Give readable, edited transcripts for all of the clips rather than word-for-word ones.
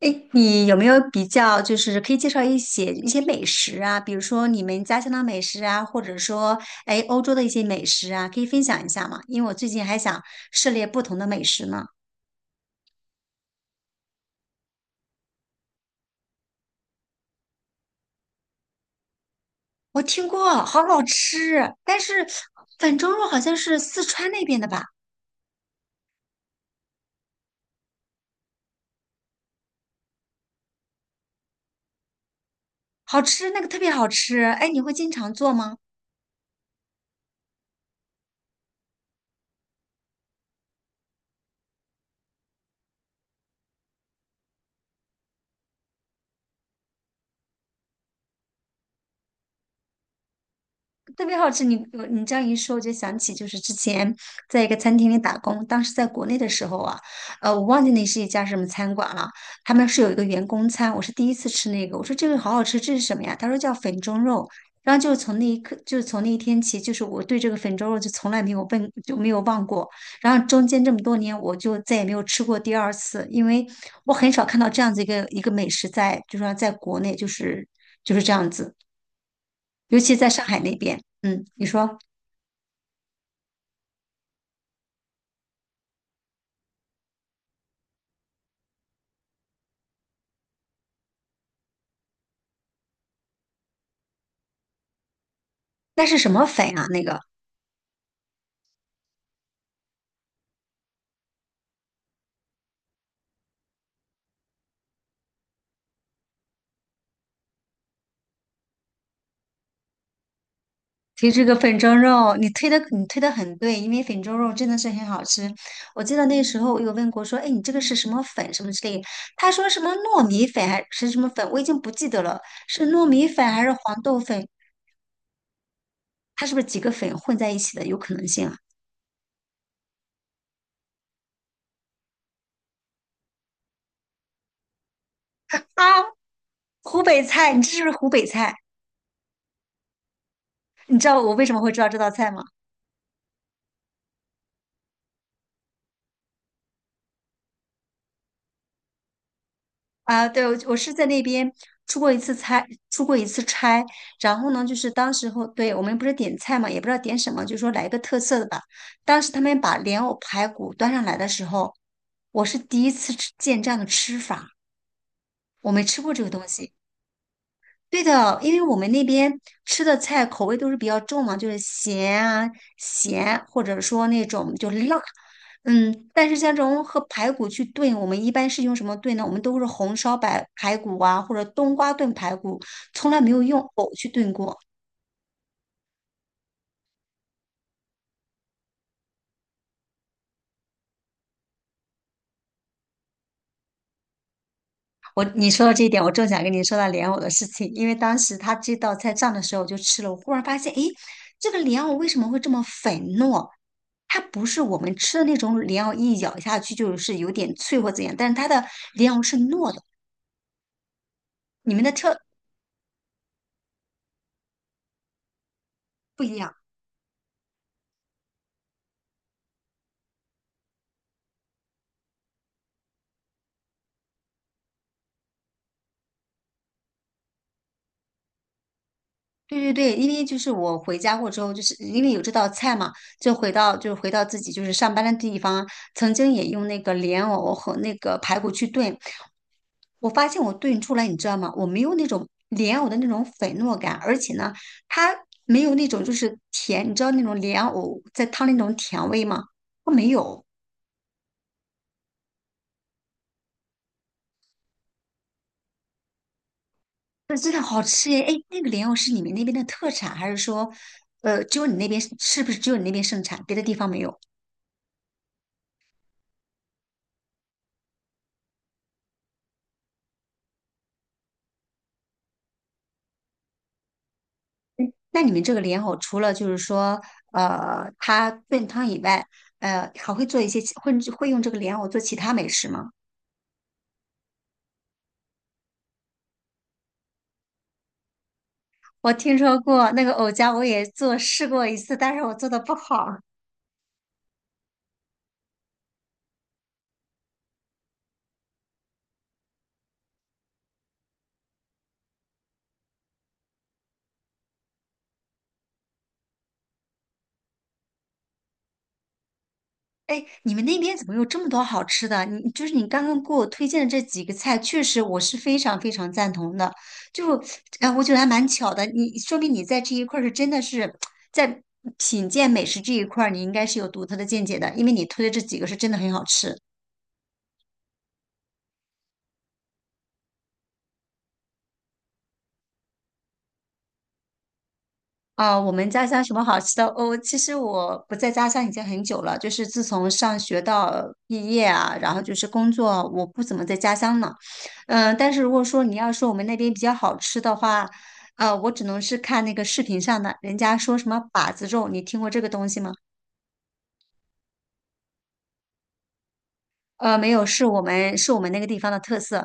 哎，你有没有比较，就是可以介绍一些美食啊，比如说你们家乡的美食啊，或者说，哎，欧洲的一些美食啊，可以分享一下吗？因为我最近还想涉猎不同的美食呢。我听过，好好吃，但是粉蒸肉好像是四川那边的吧，好吃，那个特别好吃。哎，你会经常做吗？特别好吃，你这样一说，我就想起就是之前在一个餐厅里打工，当时在国内的时候啊，我忘记那是一家什么餐馆了，他们是有一个员工餐，我是第一次吃那个，我说这个好好吃，这是什么呀？他说叫粉蒸肉，然后就是从那一刻，就是从那一天起，就是我对这个粉蒸肉就从来没有问，就没有忘过，然后中间这么多年，我就再也没有吃过第二次，因为我很少看到这样子一个一个美食在，就是说在国内就是这样子，尤其在上海那边，嗯，你说。那是什么粉啊？那个其实这个粉蒸肉，你推的很对，因为粉蒸肉真的是很好吃。我记得那时候我有问过说，哎，你这个是什么粉什么之类的他说什么糯米粉还是什么粉，我已经不记得了，是糯米粉还是黄豆粉？它是不是几个粉混在一起的？有可能性啊！啊，湖北菜，你这是不是湖北菜？你知道我为什么会知道这道菜吗？啊，对，我是在那边出过一次差。然后呢，就是当时候，对，我们不是点菜嘛，也不知道点什么，就说来一个特色的吧。当时他们把莲藕排骨端上来的时候，我是第一次吃见这样的吃法，我没吃过这个东西。对的，因为我们那边吃的菜口味都是比较重嘛，就是咸，或者说那种就辣，嗯。但是像这种和排骨去炖，我们一般是用什么炖呢？我们都是红烧白排骨啊，或者冬瓜炖排骨，从来没有用藕去炖过。你说到这一点，我正想跟你说到莲藕的事情，因为当时他这道菜上的时候我就吃了，我忽然发现，诶，这个莲藕为什么会这么粉糯？它不是我们吃的那种莲藕，一咬下去就是有点脆或怎样，但是它的莲藕是糯的，你们的不一样。对对对，因为就是我回家过之后，就是因为有这道菜嘛，就回到自己就是上班的地方，曾经也用那个莲藕和那个排骨去炖，我发现我炖出来，你知道吗？我没有那种莲藕的那种粉糯感，而且呢，它没有那种就是甜，你知道那种莲藕在汤里那种甜味吗？它没有，那真的好吃耶！哎，那个莲藕是你们那边的特产，还是说，只有你那边是不是只有你那边盛产，别的地方没有？那你们这个莲藕除了就是说，它炖汤以外，还会做一些其会会用这个莲藕做其他美食吗？我听说过那个藕夹，我也做试过一次，但是我做的不好。哎，你们那边怎么有这么多好吃的？你就是你刚刚给我推荐的这几个菜，确实我是非常非常赞同的。就，哎，我觉得还蛮巧的。你说明你在这一块儿是真的是在品鉴美食这一块儿，你应该是有独特的见解的，因为你推的这几个是真的很好吃。啊，我们家乡什么好吃的哦？其实我不在家乡已经很久了，就是自从上学到毕业啊，然后就是工作，我不怎么在家乡呢。嗯，但是如果说你要说我们那边比较好吃的话，我只能是看那个视频上的，人家说什么把子肉，你听过这个东西吗？没有，是我们那个地方的特色。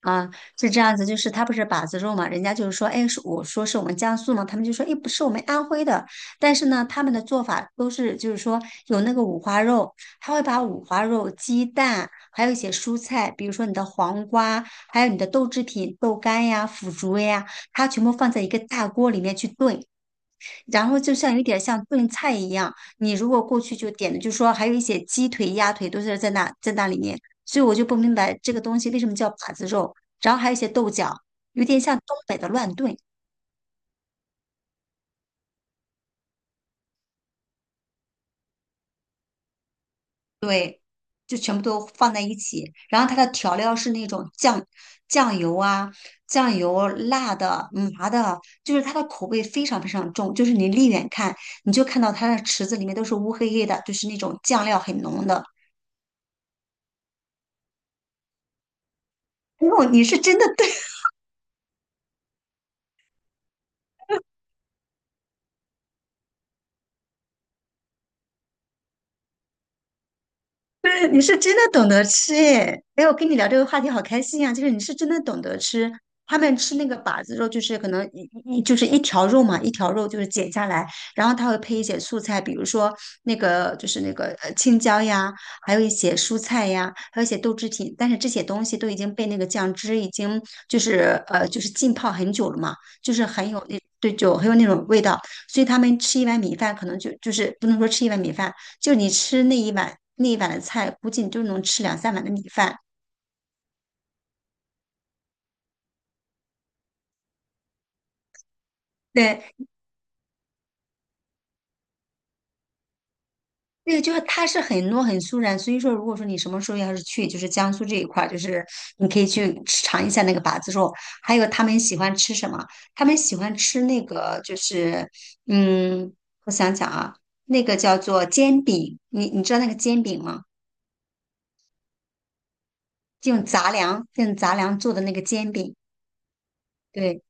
啊，是这样子，就是他不是把子肉嘛，人家就是说，哎，是我说是我们江苏嘛，他们就说，哎，不是我们安徽的，但是呢，他们的做法都是就是说有那个五花肉，他会把五花肉、鸡蛋，还有一些蔬菜，比如说你的黄瓜，还有你的豆制品、豆干呀、腐竹呀，它全部放在一个大锅里面去炖，然后就像有点像炖菜一样，你如果过去就点的，就说还有一些鸡腿、鸭腿都是在那里面，所以我就不明白这个东西为什么叫把子肉，然后还有一些豆角，有点像东北的乱炖，就全部都放在一起，然后它的调料是那种酱油啊、酱油、辣的、麻的，就是它的口味非常非常重，就是你离远看你就看到它的池子里面都是乌黑黑的，就是那种酱料很浓的。哦，你是真的对。对，你是真的懂得吃耶！哎，我跟你聊这个话题好开心呀、就是你是真的懂得吃，他们吃那个把子肉，就是可能一就是一条肉嘛，一条肉就是剪下来，然后他会配一些素菜，比如说那个青椒呀，还有一些蔬菜呀，还有一些豆制品，但是这些东西都已经被那个酱汁已经就是浸泡很久了嘛，就是很有那种味道，所以他们吃一碗米饭可能就是不能说吃一碗米饭。就是你吃那一碗那一碗的菜，估计你就能吃两三碗的米饭。对，那个就是它是很糯很酥软，所以说如果说你什么时候要是去就是江苏这一块儿，就是你可以去尝一下那个把子肉，还有他们喜欢吃什么？他们喜欢吃那个就是嗯，我想想啊，那个叫做煎饼，你知道那个煎饼吗？用杂粮做的那个煎饼，对。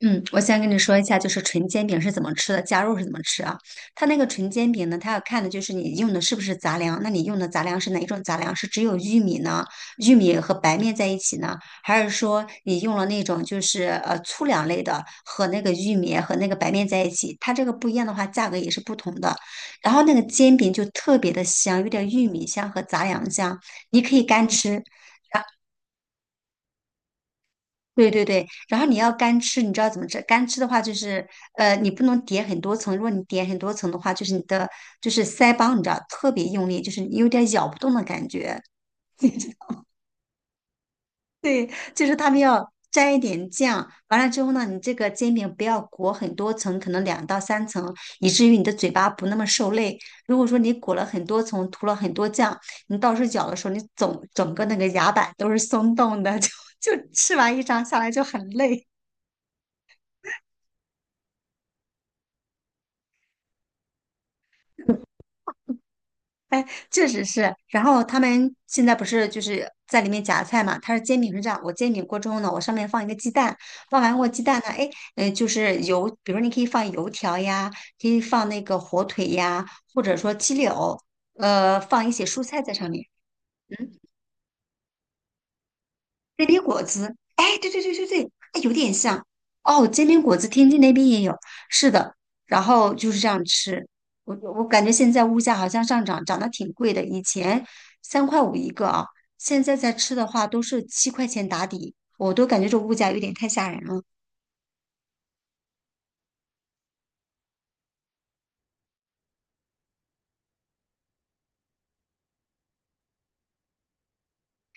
嗯，我先跟你说一下，就是纯煎饼是怎么吃的，加肉是怎么吃啊？它那个纯煎饼呢，它要看的就是你用的是不是杂粮。那你用的杂粮是哪一种杂粮？是只有玉米呢？玉米和白面在一起呢？还是说你用了那种就是粗粮类的和那个玉米和那个白面在一起？它这个不一样的话，价格也是不同的。然后那个煎饼就特别的香，有点玉米香和杂粮香，你可以干吃，对对对，然后你要干吃，你知道怎么吃？干吃的话就是，你不能叠很多层。如果你叠很多层的话，你的腮帮，你知道特别用力，就是你有点咬不动的感觉。对，就是他们要沾一点酱，完了之后呢，你这个煎饼不要裹很多层，可能2到3层，以至于你的嘴巴不那么受累。如果说你裹了很多层，涂了很多酱，你到时候咬的时候，你总整个那个牙板都是松动的，就吃完一张下来就很累。哎，确实是。然后他们现在不是就是在里面夹菜嘛？它是煎饼是这样，我煎饼锅之后呢，我上面放一个鸡蛋，放完我鸡蛋呢，哎，就是油，比如你可以放油条呀，可以放那个火腿呀，或者说鸡柳，放一些蔬菜在上面。嗯，煎饼果子，哎，对对对对对，哎，有点像哦。煎饼果子，天津那边也有，是的。然后就是这样吃，我感觉现在物价好像上涨，涨得挺贵的。以前3块5一个啊，现在在吃的话都是7块钱打底，我都感觉这物价有点太吓人了。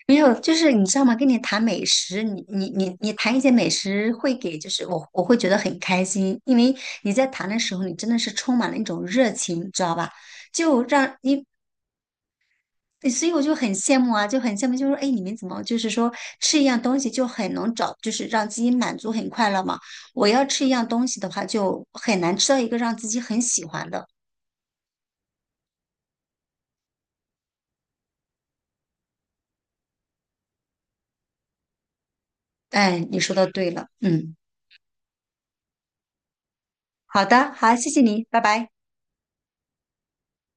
没有，就是你知道吗？跟你谈美食，你谈一些美食，会给就是我会觉得很开心，因为你在谈的时候，你真的是充满了一种热情，你知道吧？就让你对，所以我就很羡慕啊，就很羡慕，就是说，哎，你们怎么就是说吃一样东西就很能找，就是让自己满足很快乐嘛？我要吃一样东西的话，就很难吃到一个让自己很喜欢的。哎，你说的对了，嗯，好的，好，谢谢你，拜拜。